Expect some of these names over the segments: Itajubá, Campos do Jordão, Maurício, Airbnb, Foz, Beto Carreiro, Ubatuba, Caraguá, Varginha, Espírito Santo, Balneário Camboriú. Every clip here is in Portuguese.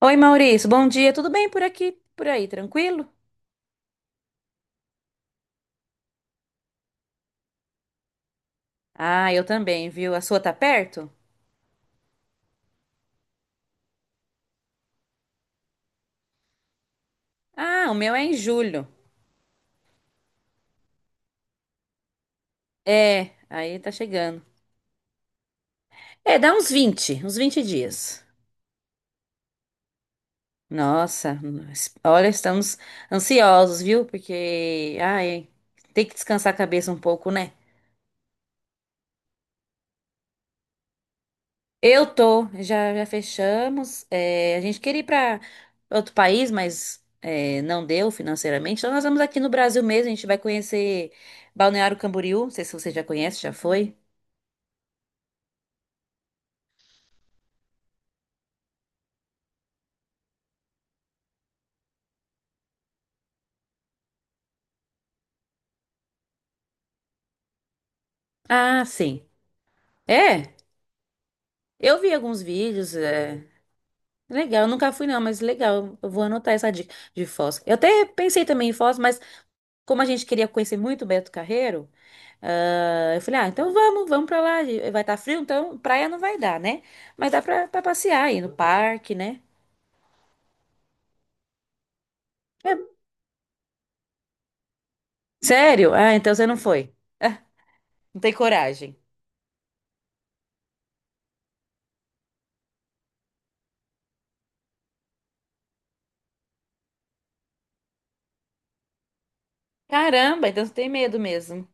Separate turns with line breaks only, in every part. Oi, Maurício, bom dia. Tudo bem por aqui? Por aí, tranquilo? Ah, eu também, viu? A sua tá perto? Ah, o meu é em julho. É, aí tá chegando. É, dá uns vinte dias. Nossa, olha, estamos ansiosos, viu? Porque, ai, tem que descansar a cabeça um pouco, né? Eu tô, já fechamos. É, a gente queria ir para outro país, mas é, não deu financeiramente. Então nós vamos aqui no Brasil mesmo, a gente vai conhecer Balneário Camboriú. Não sei se você já conhece, já foi. Ah, sim. É, eu vi alguns vídeos. É, legal, eu nunca fui não, mas legal. Eu vou anotar essa dica de Foz. Eu até pensei também em Foz, mas como a gente queria conhecer muito Beto Carreiro, ah, eu falei, ah, então vamos, vamos pra lá. Vai estar frio, então praia não vai dar, né? Mas dá pra passear aí no parque, né? É, sério? Ah, então você não foi. Ah, não tem coragem. Caramba, então você tem medo mesmo.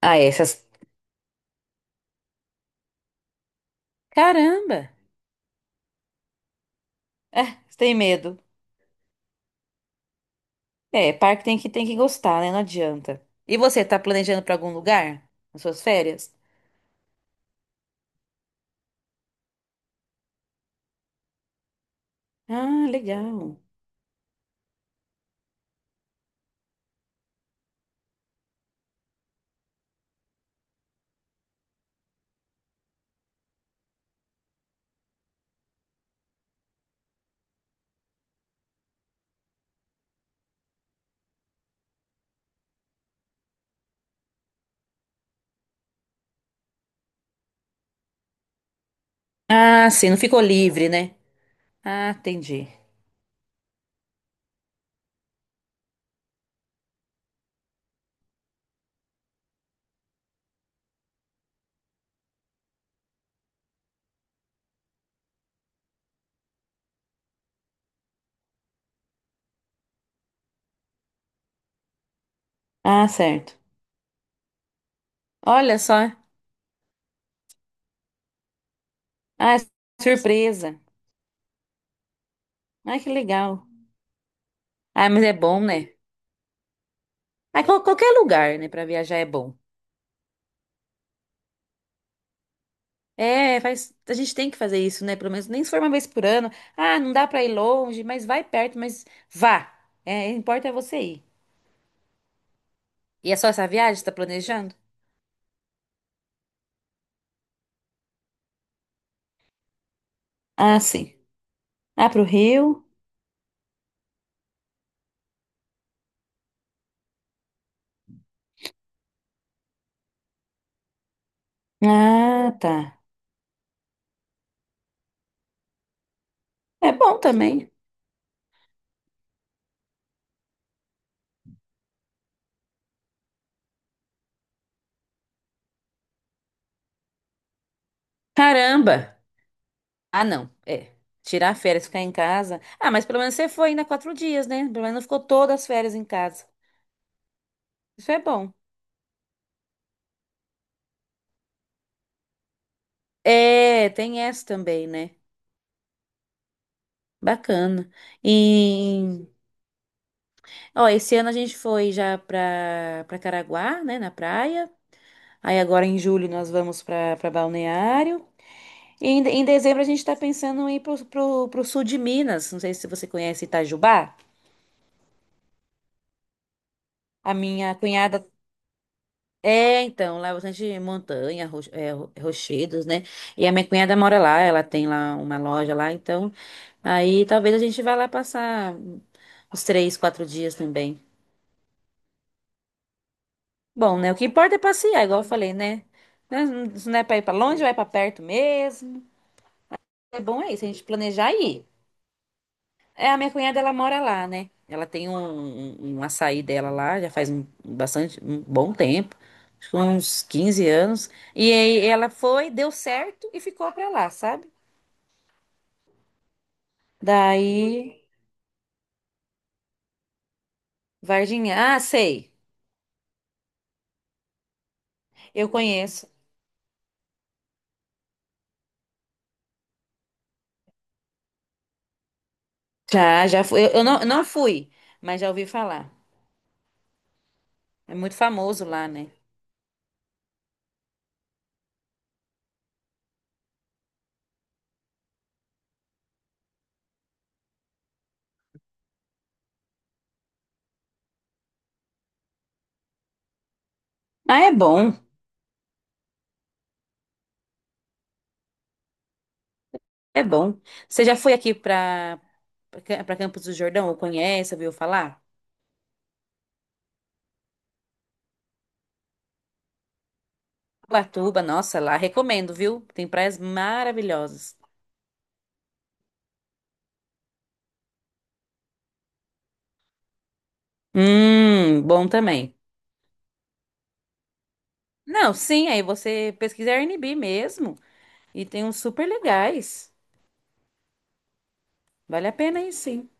Ah, é, essas. Caramba! É, você tem medo. É, parque tem que gostar, né? Não adianta. E você, tá planejando pra algum lugar? Nas suas férias? Ah, legal. Ah, sim, não ficou livre, né? Ah, entendi. Ah, certo. Olha só. Ah, surpresa. Ai, que legal. Ah, mas é bom, né? Ah, qualquer lugar, né, pra viajar é bom. É, a gente tem que fazer isso, né? Pelo menos nem se for uma vez por ano. Ah, não dá pra ir longe, mas vai perto, mas vá. É, importa é você ir. E é só essa viagem que você tá planejando? Ah, sim. Ah, pro Rio? Ah, tá. É bom também. Caramba! Ah, não. É. Tirar férias, ficar em casa. Ah, mas pelo menos você foi ainda 4 dias, né? Pelo menos não ficou todas as férias em casa. Isso é bom. É, tem essa também, né? Bacana. E, ó, esse ano a gente foi já para Caraguá, né, na praia. Aí agora em julho nós vamos para Balneário. E em dezembro a gente está pensando em ir pro sul de Minas. Não sei se você conhece Itajubá. A minha cunhada é, então, lá é bastante montanha, rochedos, né? E a minha cunhada mora lá, ela tem lá uma loja lá, então aí talvez a gente vá lá passar uns 3, 4 dias também. Bom, né? O que importa é passear, igual eu falei, né? Né, se não é pra ir pra longe, vai pra perto mesmo. É bom é isso, a gente planejar e ir. É, a minha cunhada, ela mora lá, né? Ela tem um açaí dela lá, já faz um, bastante, um bom tempo, acho que uns 15 anos. E aí ela foi, deu certo e ficou pra lá, sabe? Daí, Varginha. Ah, sei, eu conheço. Já fui. Eu não fui, mas já ouvi falar. É muito famoso lá, né? Ah, é bom. É bom. Você já foi aqui para Campos do Jordão? Ou conhece, ouviu falar? Ubatuba, nossa, lá recomendo, viu? Tem praias maravilhosas. Bom também. Não, sim, aí você pesquisa Airbnb mesmo e tem uns super legais. Vale a pena aí sim.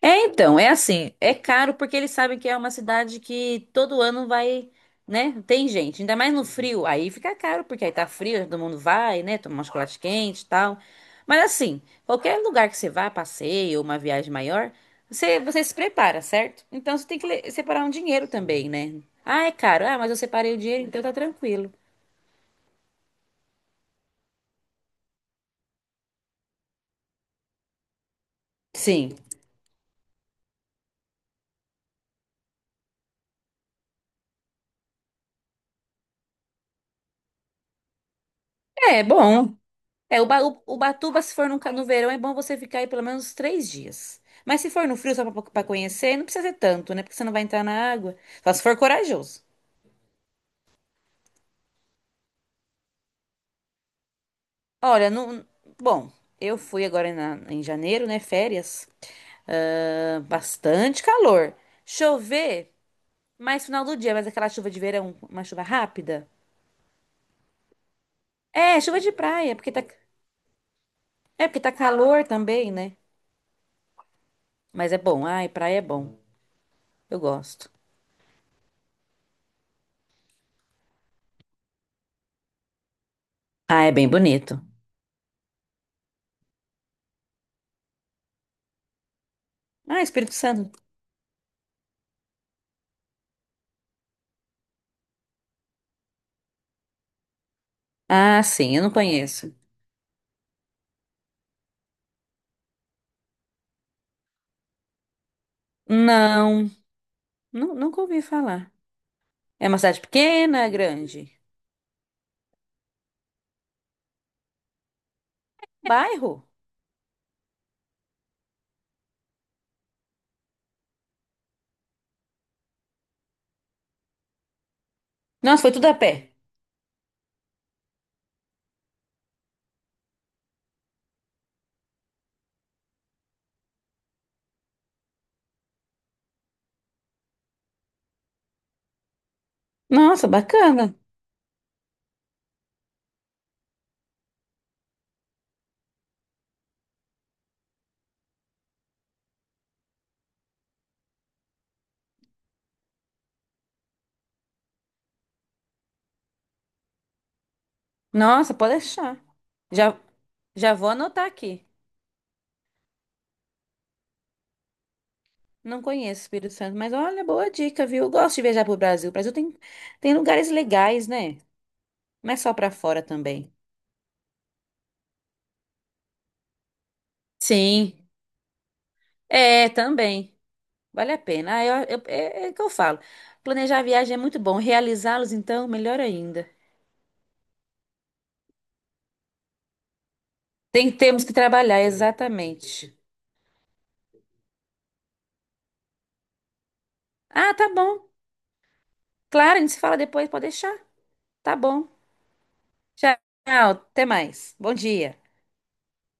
É, então, é assim, é caro porque eles sabem que é uma cidade que todo ano vai, né? Tem gente, ainda mais no frio, aí fica caro porque aí tá frio, todo mundo vai, né? Tomar um chocolate quente e tal. Mas assim, qualquer lugar que você vá, passeio, uma viagem maior, você se prepara, certo? Então você tem que separar um dinheiro também, né? Ah, é caro. Ah, mas eu separei o dinheiro, então tá tranquilo. Sim. É bom. É, Ubatuba, se for no, verão, é bom você ficar aí pelo menos 3 dias. Mas se for no frio, só pra conhecer, não precisa ser tanto, né? Porque você não vai entrar na água. Só se for corajoso. Olha, não, bom, eu fui agora em janeiro, né? Férias. Ah, bastante calor. Chover mais final do dia, mas aquela chuva de verão, uma chuva rápida. É, chuva de praia, porque tá calor também, né? Mas é bom. Ai, praia é bom. Eu gosto. Ah, é bem bonito. Ah, Espírito Santo. Ah, sim, eu não conheço. Não, nunca ouvi falar. É uma cidade pequena, grande? Bairro? Nossa, foi tudo a pé. Nossa, bacana. Nossa, pode deixar. Já, já vou anotar aqui. Não conheço Espírito Santo, mas olha, boa dica, viu? Eu gosto de viajar pro Brasil. O Brasil tem lugares legais, né? Não é só pra fora também. Sim, é, também. Vale a pena. Ah, é o que eu falo. Planejar a viagem é muito bom. Realizá-los, então, melhor ainda. Temos que trabalhar, exatamente. Ah, tá bom. Claro, a gente se fala depois, pode deixar. Tá bom. Tchau, até mais. Bom dia.